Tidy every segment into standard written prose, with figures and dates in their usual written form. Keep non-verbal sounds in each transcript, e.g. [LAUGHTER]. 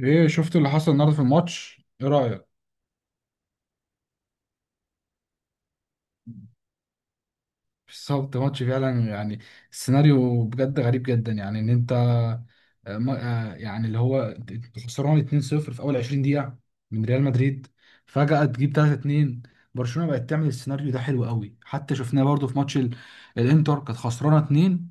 ايه شفت اللي حصل النهارده في الماتش؟ ايه رأيك؟ بالظبط، ماتش فعلا يعني السيناريو بجد غريب جدا. يعني ان انت يعني اللي هو انت خسران 2-0 في اول 20 دقيقة من ريال مدريد، فجأة تجيب 3-2. برشلونة بقت تعمل السيناريو ده حلو قوي، حتى شفناه برضو في ماتش الانتر. كانت خسرانة 2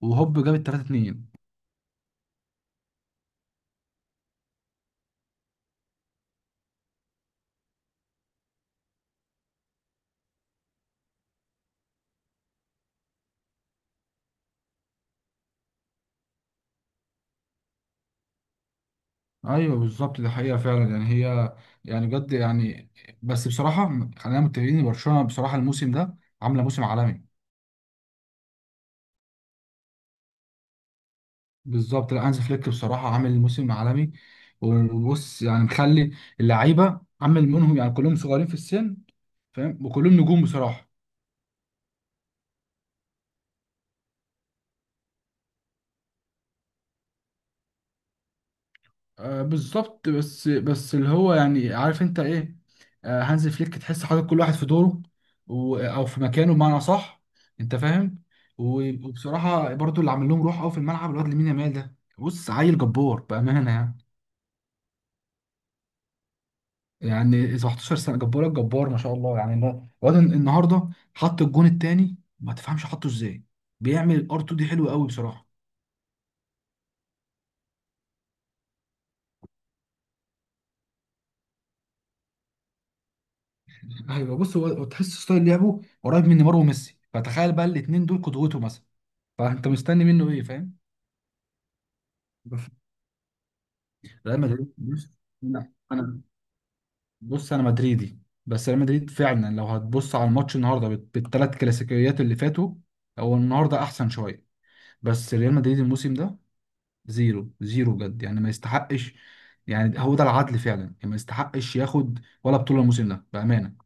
وهوب جابت 3-2. ايوه بالظبط دي حقيقة فعلا يعني هي يعني بجد يعني. بس بصراحة خلينا متفقين ان برشلونة بصراحة الموسم ده عاملة موسم عالمي. بالظبط، لا، هانز فليك بصراحه عامل موسم عالمي. وبص يعني مخلي اللعيبه عامل منهم يعني كلهم صغيرين في السن، فاهم، وكلهم نجوم بصراحه. آه بالظبط. بس اللي هو يعني عارف انت ايه، آه هانز فليك تحس حاطط كل واحد في دوره او في مكانه بمعنى صح، انت فاهم. وبصراحه برضو اللي عامل لهم روح قوي في الملعب الواد لامين يامال ده. بص، عيل جبار بامانه يعني. يعني 17 سنه جبار الجبار ما شاء الله. يعني الواد النهارده حط الجون التاني ما تفهمش حطه ازاي. بيعمل الار 2 دي حلوه قوي بصراحه. ايوه بص، هو تحس ستايل لعبه قريب من نيمار وميسي. فتخيل بقى الاثنين دول قدوته مثلا، فانت مستني منه ايه، فاهم. بف- ريال مدريد [LAUGHS] بص لا انا، بص انا مدريدي. بس ريال مدريد فعلا لو هتبص على الماتش النهارده بالثلاث كلاسيكيات اللي فاتوا، هو النهارده احسن شويه. بس ريال مدريد الموسم ده زيرو زيرو بجد، يعني ما يستحقش. يعني هو ده العدل فعلا، يعني ما يستحقش ياخد ولا بطولة الموسم ده بأمانة.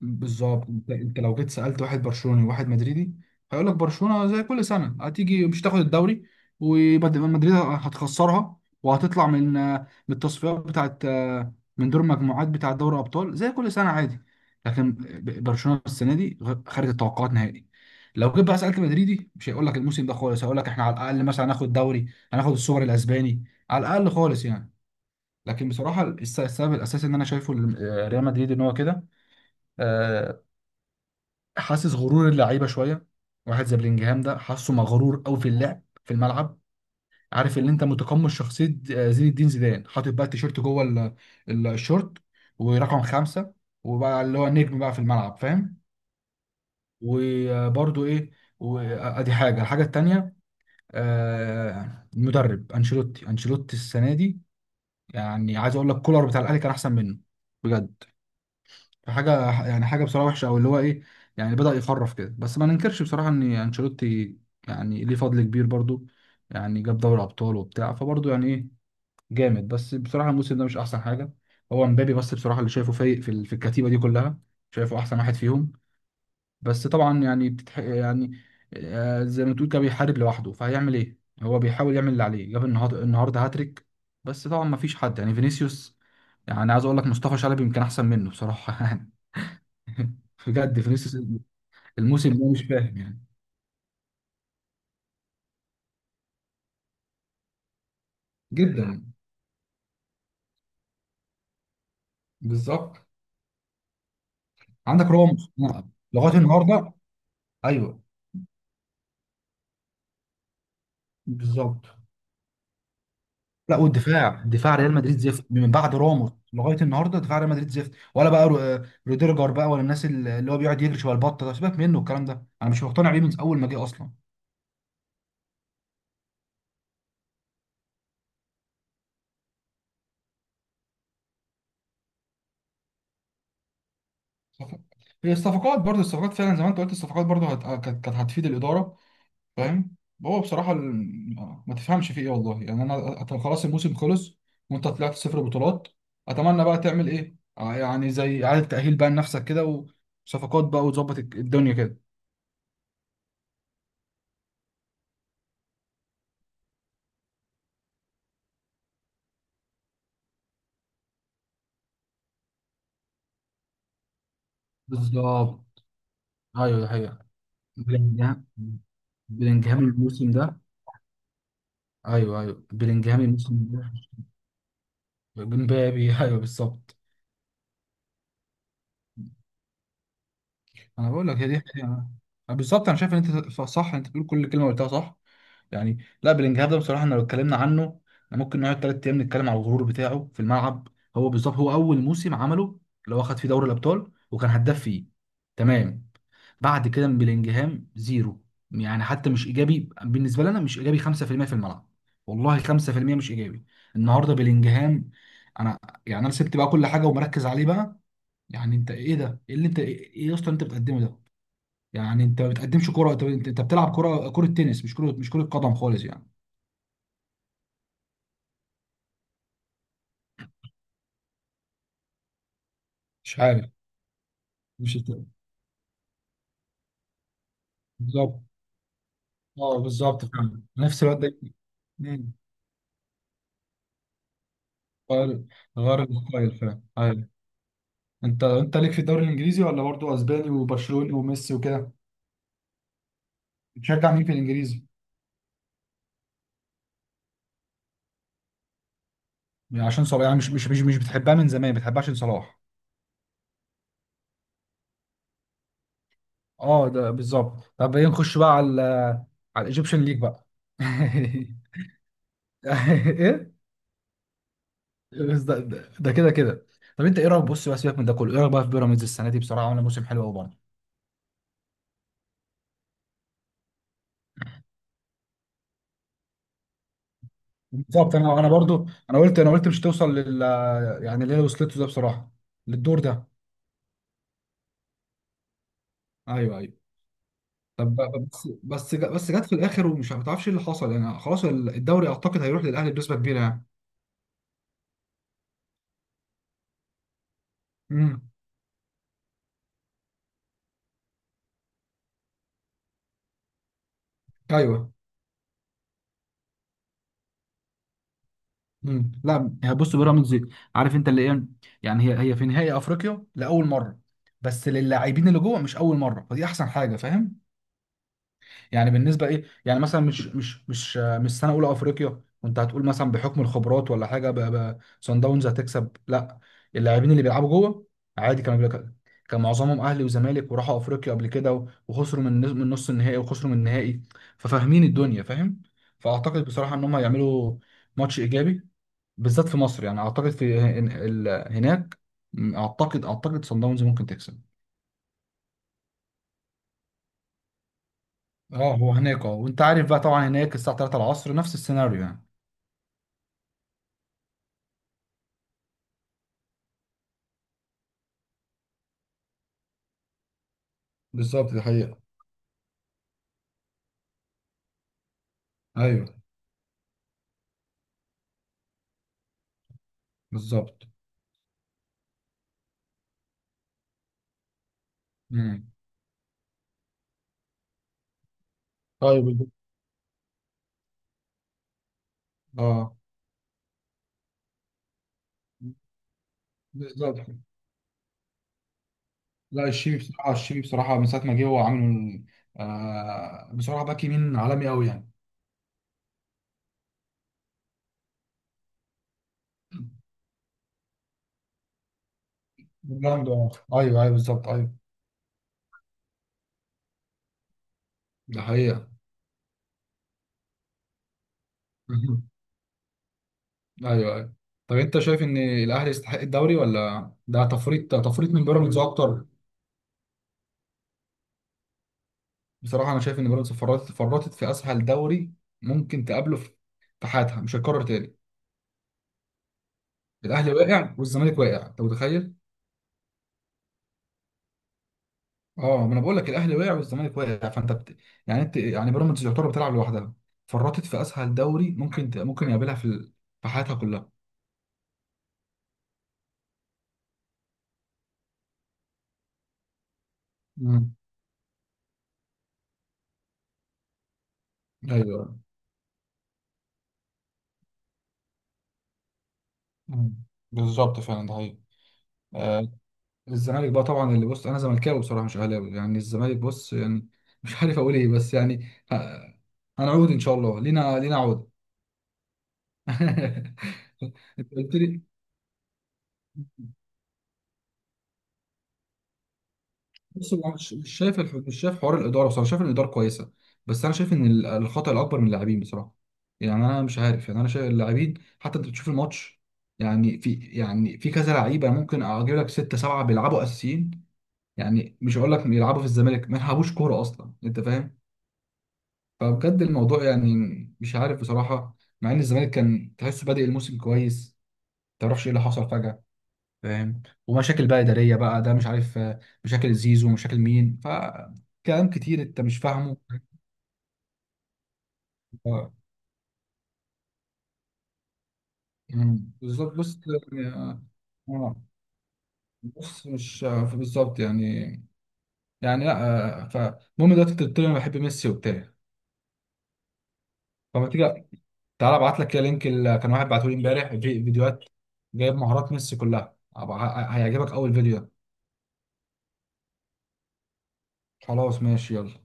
بالظبط، انت لو جيت سالت واحد برشلوني وواحد مدريدي هيقول لك برشلونه زي كل سنه هتيجي مش هتاخد الدوري، ومدريد هتخسرها وهتطلع من التصفيات بتاعت، من دور المجموعات بتاع دوري ابطال زي كل سنه عادي. لكن برشلونه السنه دي خارج التوقعات نهائي. لو جيت بقى سالت مدريدي مش هيقول لك الموسم ده خالص، هيقول لك احنا على الاقل مثلا هناخد دوري، هناخد السوبر الاسباني على الاقل خالص يعني. لكن بصراحه السبب الاساسي ان انا شايفه ريال مدريد ان هو كده آه، حاسس غرور اللعيبه شويه. واحد زي بلينجهام ده حاسه مغرور قوي في اللعب في الملعب. عارف اللي انت متقمص شخصيه زين الدين زيدان، حاطط بقى التيشيرت جوه الشورت ورقم خمسه، وبقى اللي هو النجم بقى في الملعب، فاهم. وبرده ايه، وادي حاجه. الحاجه التانيه المدرب انشيلوتي السنه دي يعني عايز اقول لك كولر بتاع الاهلي كان احسن منه بجد. فحاجه يعني حاجه بصراحه وحشه، او اللي هو ايه، يعني بدأ يخرف كده. بس ما ننكرش بصراحه ان انشيلوتي يعني ليه فضل كبير برضو، يعني جاب دوري ابطال وبتاع، فبرضو يعني ايه جامد. بس بصراحه الموسم ده مش احسن حاجه. هو مبابي بس بصراحه اللي شايفه فايق في في الكتيبه دي كلها، شايفه احسن واحد فيهم. بس طبعا يعني يعني زي ما تقول كده بيحارب لوحده، فهيعمل ايه، هو بيحاول يعمل اللي عليه. جاب النهارده، هاتريك. بس طبعا ما فيش حد يعني. فينيسيوس يعني عايز اقول لك مصطفى شلبي يمكن احسن منه بصراحه [LAUGHS] [LAUGHS] بجد فينيسيوس الموسم ده مش فاهم يعني. جدا، بالظبط. عندك راموس. نعم، لغايه النهارده ايوه بالظبط. لا والدفاع، دفاع ريال مدريد زفت من بعد راموس لغايه النهارده. دفاع ريال مدريد زفت، ولا بقى روديرجر بقى، ولا الناس اللي هو بيقعد يجري شويه البطه ده. سيبك منه، الكلام ده انا مش مقتنع بيه من اول ما جه اصلا. صفقات. هي الصفقات برضو، الصفقات فعلا زي ما انت قلت. الصفقات برضو كانت هتفيد الاداره، فاهم. هو بصراحه ما تفهمش في ايه والله يعني. خلاص الموسم خلص وانت طلعت صفر بطولات. اتمنى بقى تعمل ايه، يعني زي اعاده تاهيل بقى لنفسك كده، وصفقات بقى، وتظبط الدنيا كده. بالظبط، ايوه ده حقيقة. بلينجهام بلينجهام الموسم ده. ايوه ايوه، بلينجهام الموسم ده. امبابي، ايوه بالظبط. انا بقول لك هي دي حقيقة. بالظبط، انا شايف ان انت صح، انت بتقول كل كلمه قلتها صح. يعني لا بلينجهام ده بصراحه احنا لو اتكلمنا عنه احنا ممكن نقعد ثلاث ايام نتكلم على الغرور بتاعه في الملعب. هو بالظبط هو اول موسم عمله اللي هو خد فيه دوري الابطال وكان هداف فيه، تمام. بعد كده من بلينجهام زيرو، يعني حتى مش ايجابي بالنسبه لنا، مش ايجابي 5% في المية في الملعب، والله 5% مش ايجابي. النهارده بلينجهام انا، يعني انا سبت بقى كل حاجه ومركز عليه بقى. يعني انت ايه ده، ايه اللي انت، ايه إيه يا اسطى اللي انت بتقدمه ده؟ يعني انت ما بتقدمش كرة. انت انت أنت بتلعب كرة تنس، مش كرة قدم خالص يعني. مش عارف. مش الت- بالظبط، اه بالظبط فعلا نفس الواد ده. مم. غير غير الستايل فعلا، ايوه. انت ليك في الدوري الانجليزي، ولا برضه اسباني وبرشلوني وميسي وكده؟ بتشجع مين في الانجليزي؟ يعني عشان صلاح يعني. مش بتحبها من زمان، بتحبها عشان صلاح. اه ده بالظبط. طب ايه، نخش بقى على الايجيبشن ليج بقى [LAUGHS] ايه؟ بس ده ده ده كده كده. طب انت ايه رايك، بص بقى سيبك من ده كله، ايه رايك بقى في بيراميدز السنه دي؟ بصراحه عامله موسم حلو قوي برضه. بالظبط، انا برضه، انا قلت مش توصل يعني اللي هي وصلته ده بصراحه، للدور ده. ايوه ايوه. طب بس جت في الاخر ومش، ما تعرفش ايه اللي حصل يعني. خلاص الدوري اعتقد هيروح للاهلي بنسبه كبيره يعني. امم ايوه. لا هي بص بيراميدز، عارف انت اللي ايه، يعني هي في نهائي افريقيا لاول مره، بس للاعبين اللي جوه مش اول مره، فدي احسن حاجه فاهم. يعني بالنسبه ايه يعني مثلا، مش سنه اولى افريقيا وانت هتقول مثلا بحكم الخبرات ولا حاجه صن داونز هتكسب، لا. اللاعبين اللي بيلعبوا جوه عادي كانوا بيلعبوا، كان معظمهم اهلي وزمالك وراحوا افريقيا قبل كده وخسروا من من نص النهائي وخسروا من النهائي، ففاهمين الدنيا فاهم. فاعتقد بصراحه ان هم هيعملوا ماتش ايجابي، بالذات في مصر يعني. اعتقد في هناك، اعتقد صن داونز ممكن تكسب. اه، هو هناك اه. وانت عارف بقى طبعا هناك الساعه 3 العصر نفس السيناريو يعني. بالظبط دي حقيقة. ايوه بالظبط. امم طيب. اه بالظبط. لا الشيبي بصراحة، الشيبي بصراحة من ساعة ما جه هو عامل بصراحة باك يمين عالمي قوي يعني. جامد، اه ايوه ايوه بالظبط. ايوه ده حقيقة [LAUGHS] ايوه ايوه. طب انت شايف ان الاهلي يستحق الدوري، ولا ده تفريط، من بيراميدز اكتر؟ بصراحة انا شايف ان بيراميدز فرطت، في اسهل دوري ممكن تقابله في حياتها، مش هيتكرر تاني. الاهلي واقع والزمالك واقع، انت متخيل؟ اه ما انا بقول لك الاهلي وقع والزمالك وقع، يعني انت يعني بيراميدز يعتبر بتلعب لوحدها. فرطت في اسهل دوري ممكن ممكن يقابلها في في حياتها كلها. مم. ايوه. مم، بالظبط فعلا ده حقيقي. آه الزمالك بقى طبعا اللي، بص انا زملكاوي بصراحه مش اهلاوي يعني. الزمالك بص يعني [LAUGHS] مش عارف اقول ايه، بس يعني هنعود ان شاء الله، لينا لينا عود [LAUGHS] انت قلت لي بص، هو مش شايف مش شايف حوار الاداره بصراحه، شايف ان الاداره كويسه. بس انا شايف ان الخطا الاكبر من اللاعبين بصراحه. يعني انا مش عارف يعني، انا شايف اللاعبين، حتى انت بتشوف الماتش، يعني في يعني في كذا لعيبه ممكن اجيب لك سته سبعه بيلعبوا اساسيين، يعني مش هقول لك بيلعبوا في الزمالك، ما يلعبوش كوره اصلا انت فاهم. فبجد الموضوع يعني مش عارف بصراحه. مع ان الزمالك كان تحسه بادئ الموسم كويس، ما تعرفش ايه اللي حصل فجاه، فاهم. ومشاكل بقى إدارية بقى ده، مش عارف، مشاكل زيزو ومشاكل مين، كلام كتير أنت مش فاهمه. آه، مم، بالظبط بص، يعني آه، بص مش بالظبط يعني، لا فالمهم دلوقتي أنت قلت لي أنا بحب ميسي وبتاع، فما تيجي تعالى أبعت لك كده لينك اللي كان واحد بعته لي إمبارح، في فيديوهات جايب مهارات ميسي كلها. هيعجبك أول فيديو ده. خلاص ماشي يلا.